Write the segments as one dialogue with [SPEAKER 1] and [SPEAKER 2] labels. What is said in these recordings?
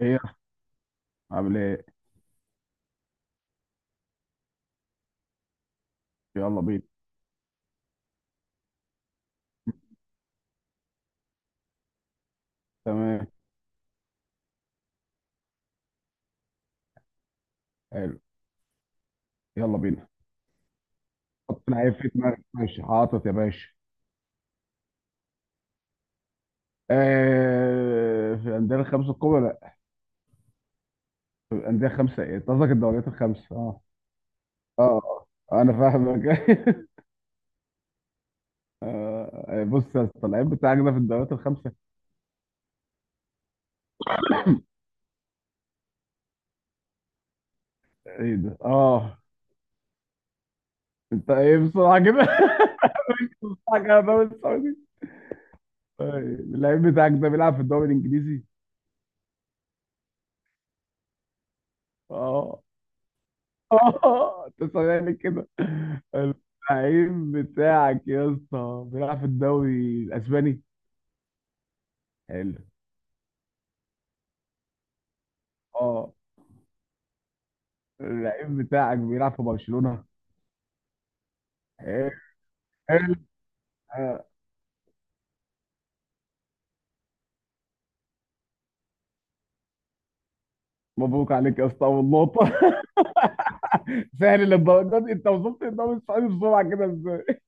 [SPEAKER 1] ايه يا اسطى؟ عامل ايه؟ يلا بينا. تمام. حلو. يلا بينا. حط لعيب في دماغك. ماشي، حاطط يا باشا. آه، في الانديه الخمسه الكبرى؟ لا. في الانديه الخمسه؟ ايه، أنت قصدك الدوريات الخمسه. اه. اه. آه، انا فاهمك. بص يا اسطى، اللعيب بتاعك ده في الدوريات الخمسه. ايه ده؟ اه. انت ايه؟ بسرعه كده. بسرعه كده؟ يا الدوري السعودي! طيب، اللعيب بتاعك ده بيلعب في الدوري الانجليزي؟ اه. اه، تسمعني كده. اللعيب بتاعك يا اسطى بيلعب في الدوري الاسباني. حلو. اه. اللعيب بتاعك بيلعب في برشلونة. حلو. حلو. آه، مبروك عليك يا اسطى، اول نقطة. سهل للدرجة دي! انت وصلت الدوري السعودي بسرعة كده ازاي؟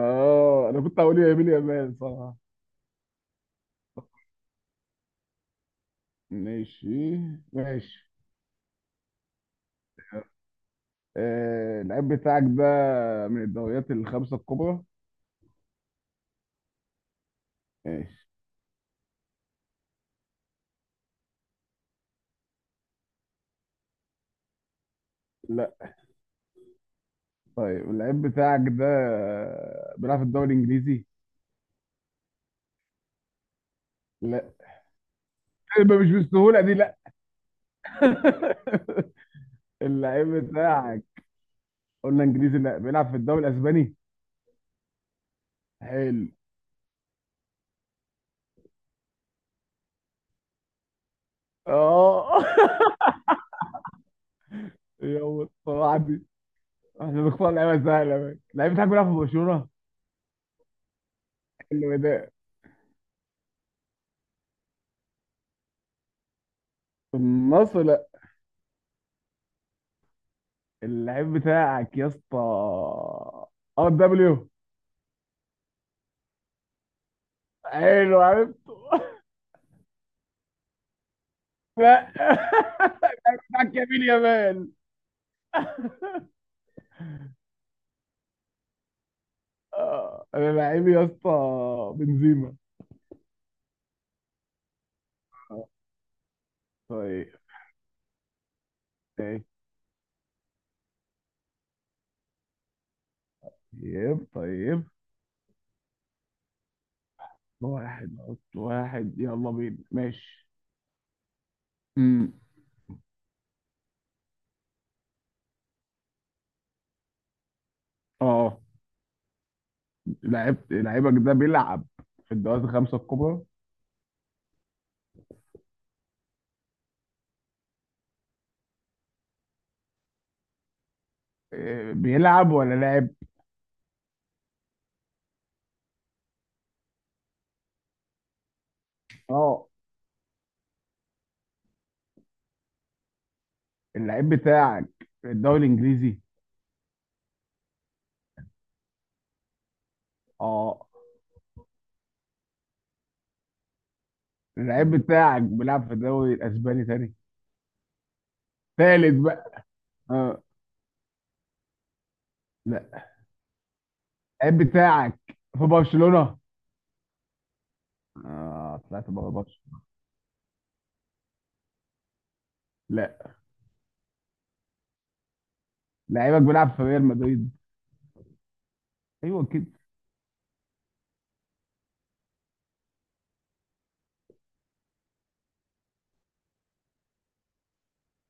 [SPEAKER 1] اه، انا كنت هقول يا يمين يا مان صراحة. ماشي. ماشي. اللعيب بتاعك ده من الدوريات الخمسة الكبرى. ماشي. لا. طيب، اللعيب بتاعك ده بيلعب في الدوري الانجليزي؟ لا. يبقى مش بالسهوله دي، لا. اللعيب بتاعك، قلنا انجليزي لا، بيلعب في الدوري الاسباني؟ حلو. اه. يلا، طبعا دي احنا بنختار لعيبه سهله. بقى اللعيب بتاعك بيلعب في برشلونه؟ حلو ده. في النصر؟ لا. اللعيب بتاعك يا اسطى RW. حلو، عرفته. لا. اللعيب بتاعك يمين يامال. انا لعيبي يا اسطى بنزيما. آه. طيب. طيب. طيب. واحد. حط واحد، يلا بينا. ماشي. امم. اه. لعبت لعيبك ده بيلعب في الدوريات الخمسة الكبرى. إيه، بيلعب ولا لعب؟ اه. اللعيب بتاعك في الدوري الانجليزي. اه. اللعيب بتاعك بيلعب في الدوري الاسباني تاني. تالت بقى. اه. لا. اللعيب بتاعك في برشلونة. اه، طلعت بره برشلونة. لا. لعيبك بيلعب في ريال مدريد. ايوه كده.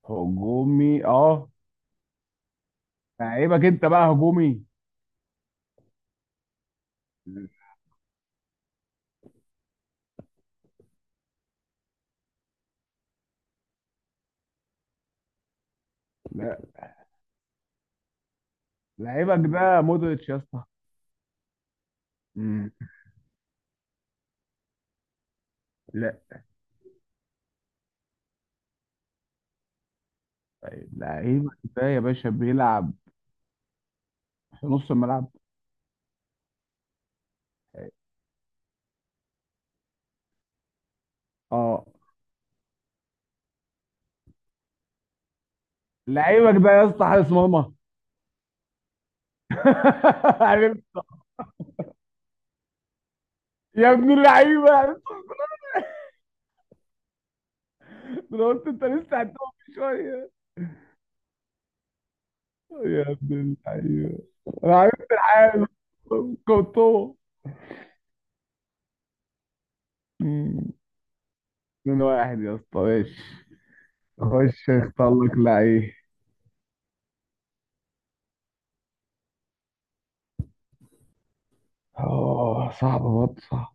[SPEAKER 1] هجومي. اه. لعيبك انت بقى هجومي. لا. لعيبك ده مودريتش يا اسطى. مم. لا. طيب، لعيبك ده يا باشا بيلعب في نص الملعب. اه. لعيبك ده يا اسطى حارس مرمى. عرفت؟ يا ابن اللعيبه! عرفت؟ انا قلت انت لسه هتقف شويه. يا ابن اللعيبه! انا عرفت الحارس، كورتوا. مم. من واحد يا اسطى، ماشي. خش اختار لك لعيب. اه، صعب برضه، صعب.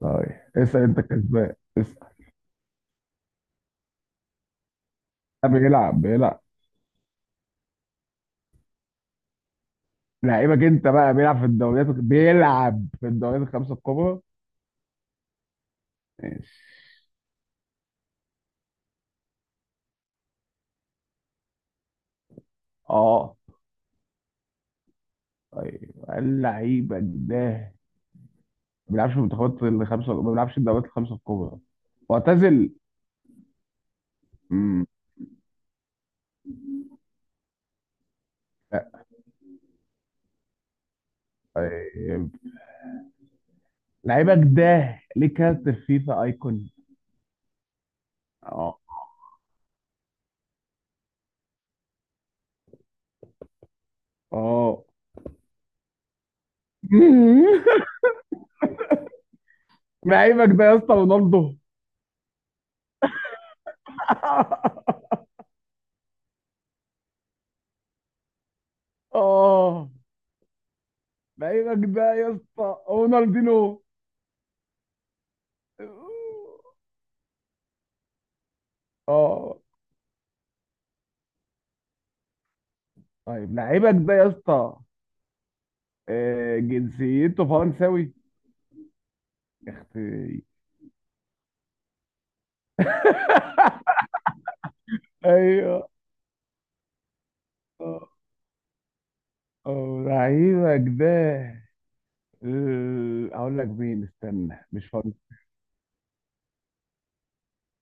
[SPEAKER 1] طيب، اسال انت كسبان، اسال. بيلعب بيلعب. لعيبك انت بقى بيلعب في الدوريات الخمسه الكبرى. ماشي. اه. طيب، هل لعيبك ده ما بيلعبش في المنتخبات الخمسه، ما بيلعبش في الدوريات الخمسه الكبرى، معتزل. امم. لا. طيب، لعيبك ده ليه كارت في فيفا ايكون. اه. اه. لعيبك ده يا اسطى رونالدو. اه. لعيبك ده يا اسطى رونالدينو. اه. طيب، لعيبك ده يا اسطى جنسيته فرنساوي. اختي! ايوه. اه. لعيبك ده اقول لك مين، استنى، مش فرنسا.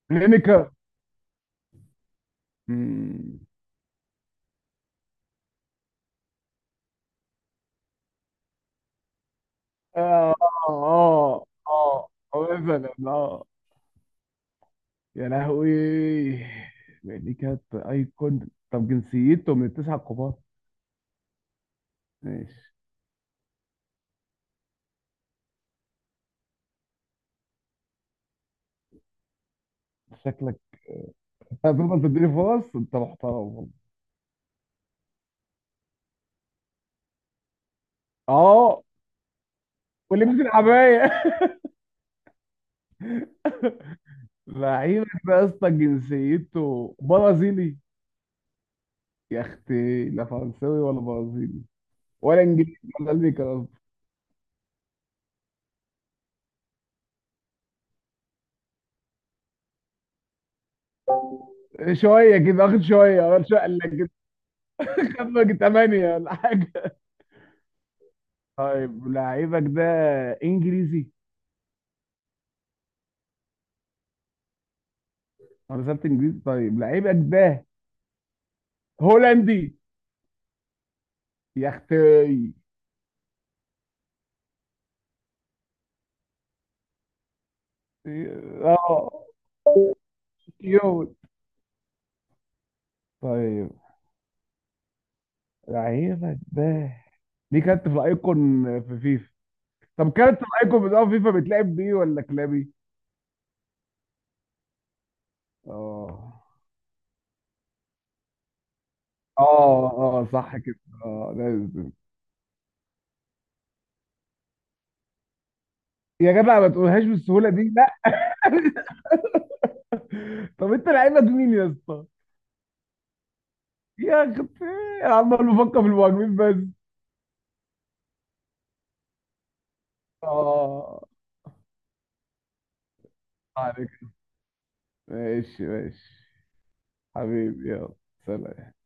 [SPEAKER 1] كلينيكا. مم. اه. اه. اه. مثلا اه. يا لهوي! دي كانت ايكون. طب جنسيته من التسعه الكبار. ماشي. شكلك. هتفضل تديني فرص؟ انت محترم والله. اه. ولبس الحبايه. لعيبك ده يا اسطى جنسيته برازيلي. يا اختي، لا فرنساوي ولا برازيلي ولا انجليزي ولا امريكي قصدي. شويه كده واخد، شويه واخد شويه قال لك كده. خمك ثمانيه ولا حاجه. طيب، لعيبك ده انجليزي. انا سألت انجليزي. طيب، لعيبك ده هولندي. يا اختي. اه. كيوت. طيب، لعيبك ده دي كانت في الايكون في فيفا. طب كانت في الايكون بتاع فيفا بتلعب بيه ولا كلابي. اه. اه. اه صح كده. اه لازم. يا جدع، ما تقولهاش بالسهوله دي، لا. طب انت لعيبك مين يا اسطى؟ يا اخي، انا عمال بفكر في المهاجمين بس. اه. عليك. ماشي. ماشي. حبيبي يلا. سلام.